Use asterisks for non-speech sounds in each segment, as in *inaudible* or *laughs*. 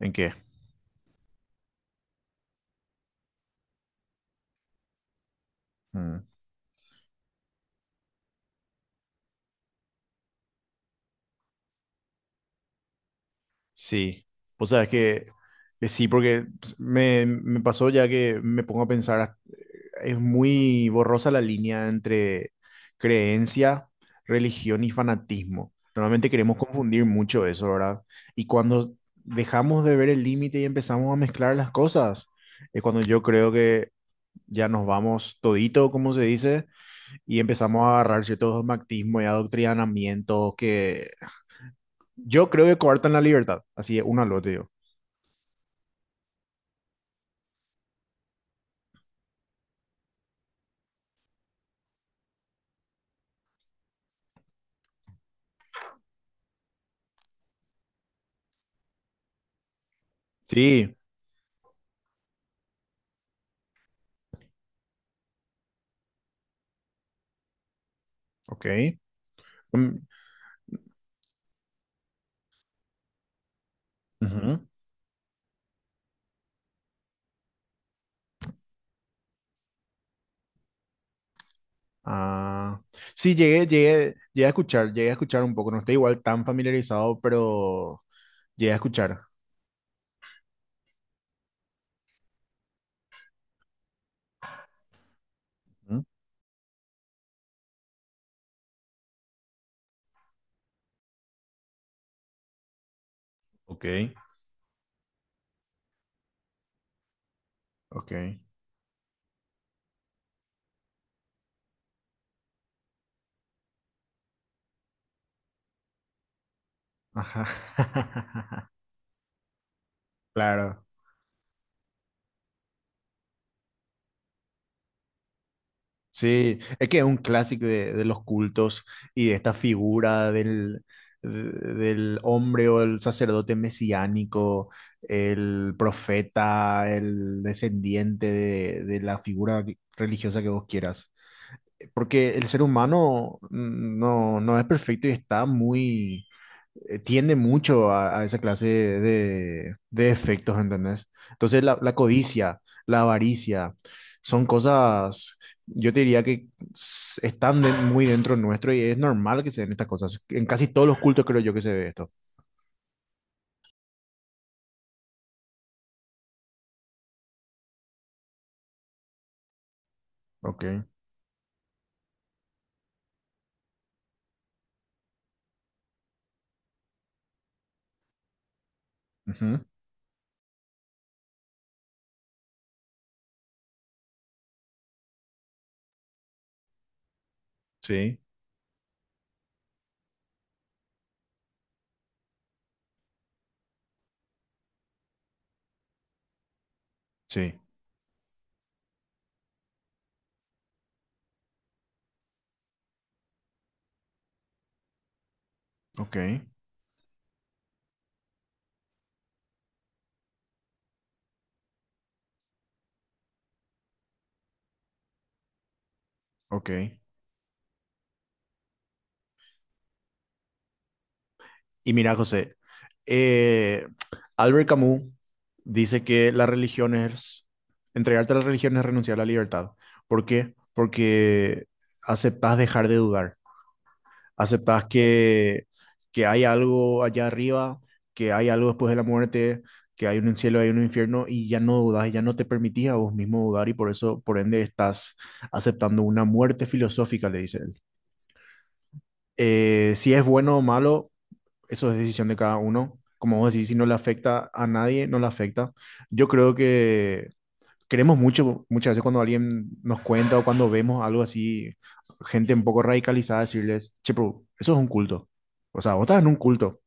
¿En qué? Mm. Sí. Pues sabes que sí, porque pues, me pasó ya que me pongo a pensar, es muy borrosa la línea entre creencia, religión y fanatismo. Normalmente queremos confundir mucho eso, ¿verdad? Y cuando dejamos de ver el límite y empezamos a mezclar las cosas, es cuando yo creo que ya nos vamos todito, como se dice, y empezamos a agarrar ciertos dogmatismos y adoctrinamientos que... Yo creo que coartan la libertad. Así es, uno al otro, digo. Sí, ok. Mm, ujú. Ah, sí, llegué a escuchar un poco. No estoy igual tan familiarizado, pero llegué a escuchar. Ujú. Ok. Ok. Ajá. *laughs* Claro. Sí, es que es un clásico de los cultos y de esta figura del, de- del hombre o el sacerdote mesiánico, el profeta, el descendiente de la figura religiosa que vos quieras. Porque el ser humano no, no es perfecto y está muy, tiende mucho a esa clase de efectos, ¿entendés? Entonces la codicia, la avaricia, son cosas, yo te diría que muy dentro nuestro y es normal que se den estas cosas. En casi todos los cultos creo yo que se ve esto. Ok. Ujú. Sí, sí. Ok, ok. Y mira, José, eh, Albert Camus dice que la religión es, entregarte a la religión es renunciar a la libertad. ¿Por qué? Porque aceptas dejar de dudar, aceptas que, que hay algo allá arriba, que hay algo después de la muerte, que hay un cielo, hay un infierno y ya no dudas, y ya no te permitís a vos mismo dudar y por eso, por ende, estás aceptando una muerte filosófica, le dice él. Si es bueno o malo, eso es decisión de cada uno. Como vos decís, si no le afecta a nadie, no le afecta. Yo creo que queremos mucho, muchas veces cuando alguien nos cuenta o cuando vemos algo así, gente un poco radicalizada, decirles, che, pero eso es un culto. O sea, vos estás en un culto.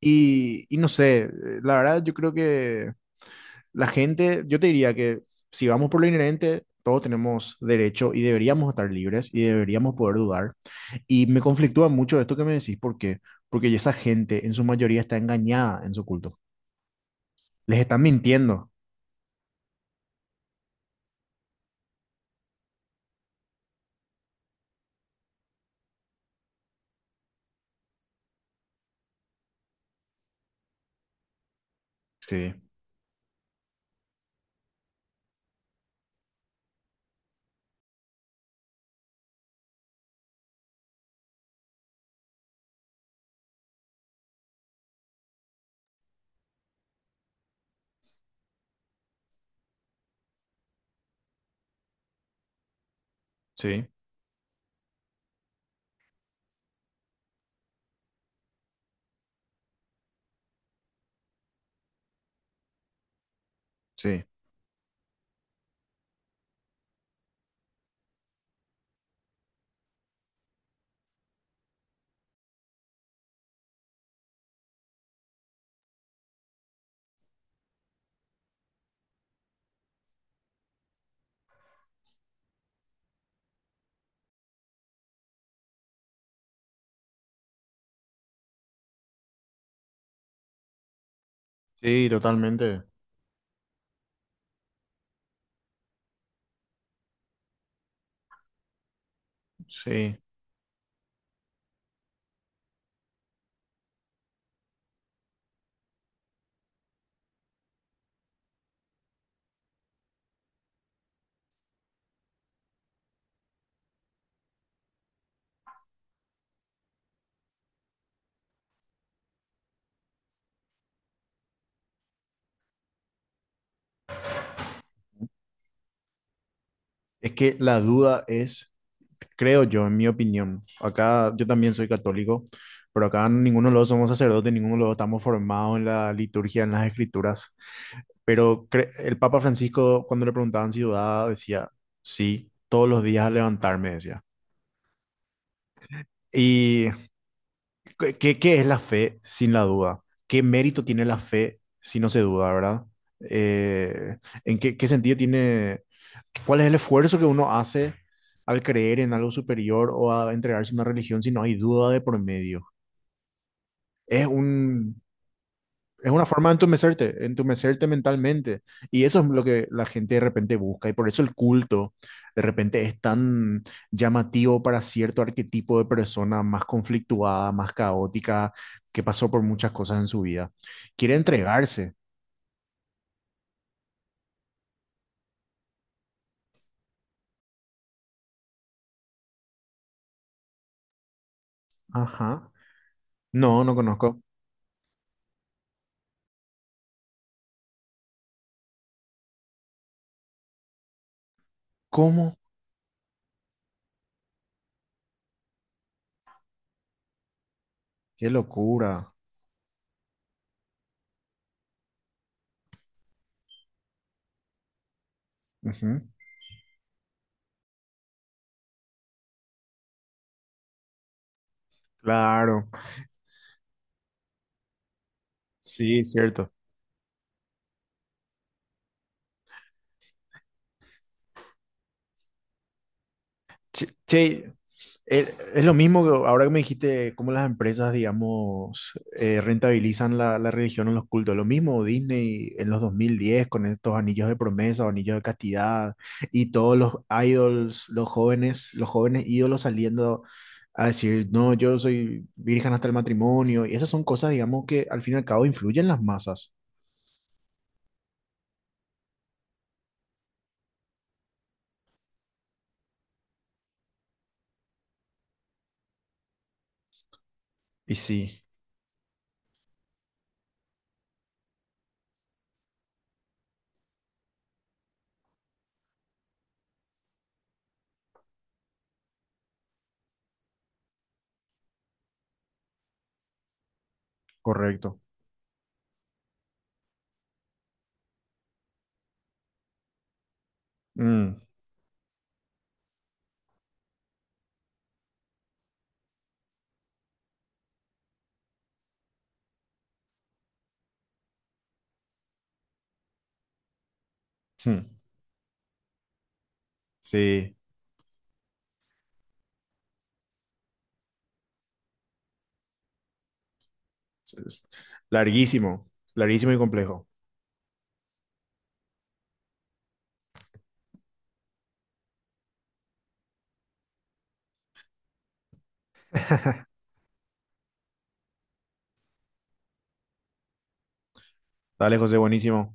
Y no sé, la verdad yo creo que la gente, yo te diría que si vamos por lo inherente, todos tenemos derecho y deberíamos estar libres y deberíamos poder dudar. Y me conflictúa mucho esto que me decís, ¿por qué? Porque esa gente en su mayoría está engañada en su culto. Les están mintiendo. Sí, sí, sí, sí, totalmente. Sí. Es que la duda es, creo yo, en mi opinión, acá yo también soy católico, pero acá ninguno de los dos somos sacerdotes, ninguno de los dos estamos formados en la liturgia, en las escrituras. Pero el Papa Francisco, cuando le preguntaban si dudaba, decía, sí, todos los días al levantarme, decía. ¿Y qué es la fe sin la duda? ¿Qué mérito tiene la fe si no se duda, verdad? Eh, ¿En qué sentido tiene, cuál es el esfuerzo que uno hace al creer en algo superior o a entregarse a una religión si no hay duda de por medio? Es un Es una forma de entumecerte, entumecerte mentalmente. Y eso es lo que la gente de repente busca. Y por eso el culto de repente es tan llamativo para cierto arquetipo de persona más conflictuada, más caótica, que pasó por muchas cosas en su vida. Quiere entregarse. Ajá. No, no conozco. ¿Cómo? Qué locura. Ujú. Claro. Sí, cierto. Che, che, es lo mismo que ahora que me dijiste cómo las empresas, digamos, rentabilizan la religión en los cultos. Lo mismo Disney en los 2010 con estos anillos de promesa o anillos de castidad y todos los idols, los jóvenes ídolos saliendo a decir, no, yo soy virgen hasta el matrimonio. Y esas son cosas, digamos, que al fin y al cabo influyen en las masas. Y sí, correcto. Mm, hmm, sí, es larguísimo, larguísimo y complejo. Dale, José, buenísimo.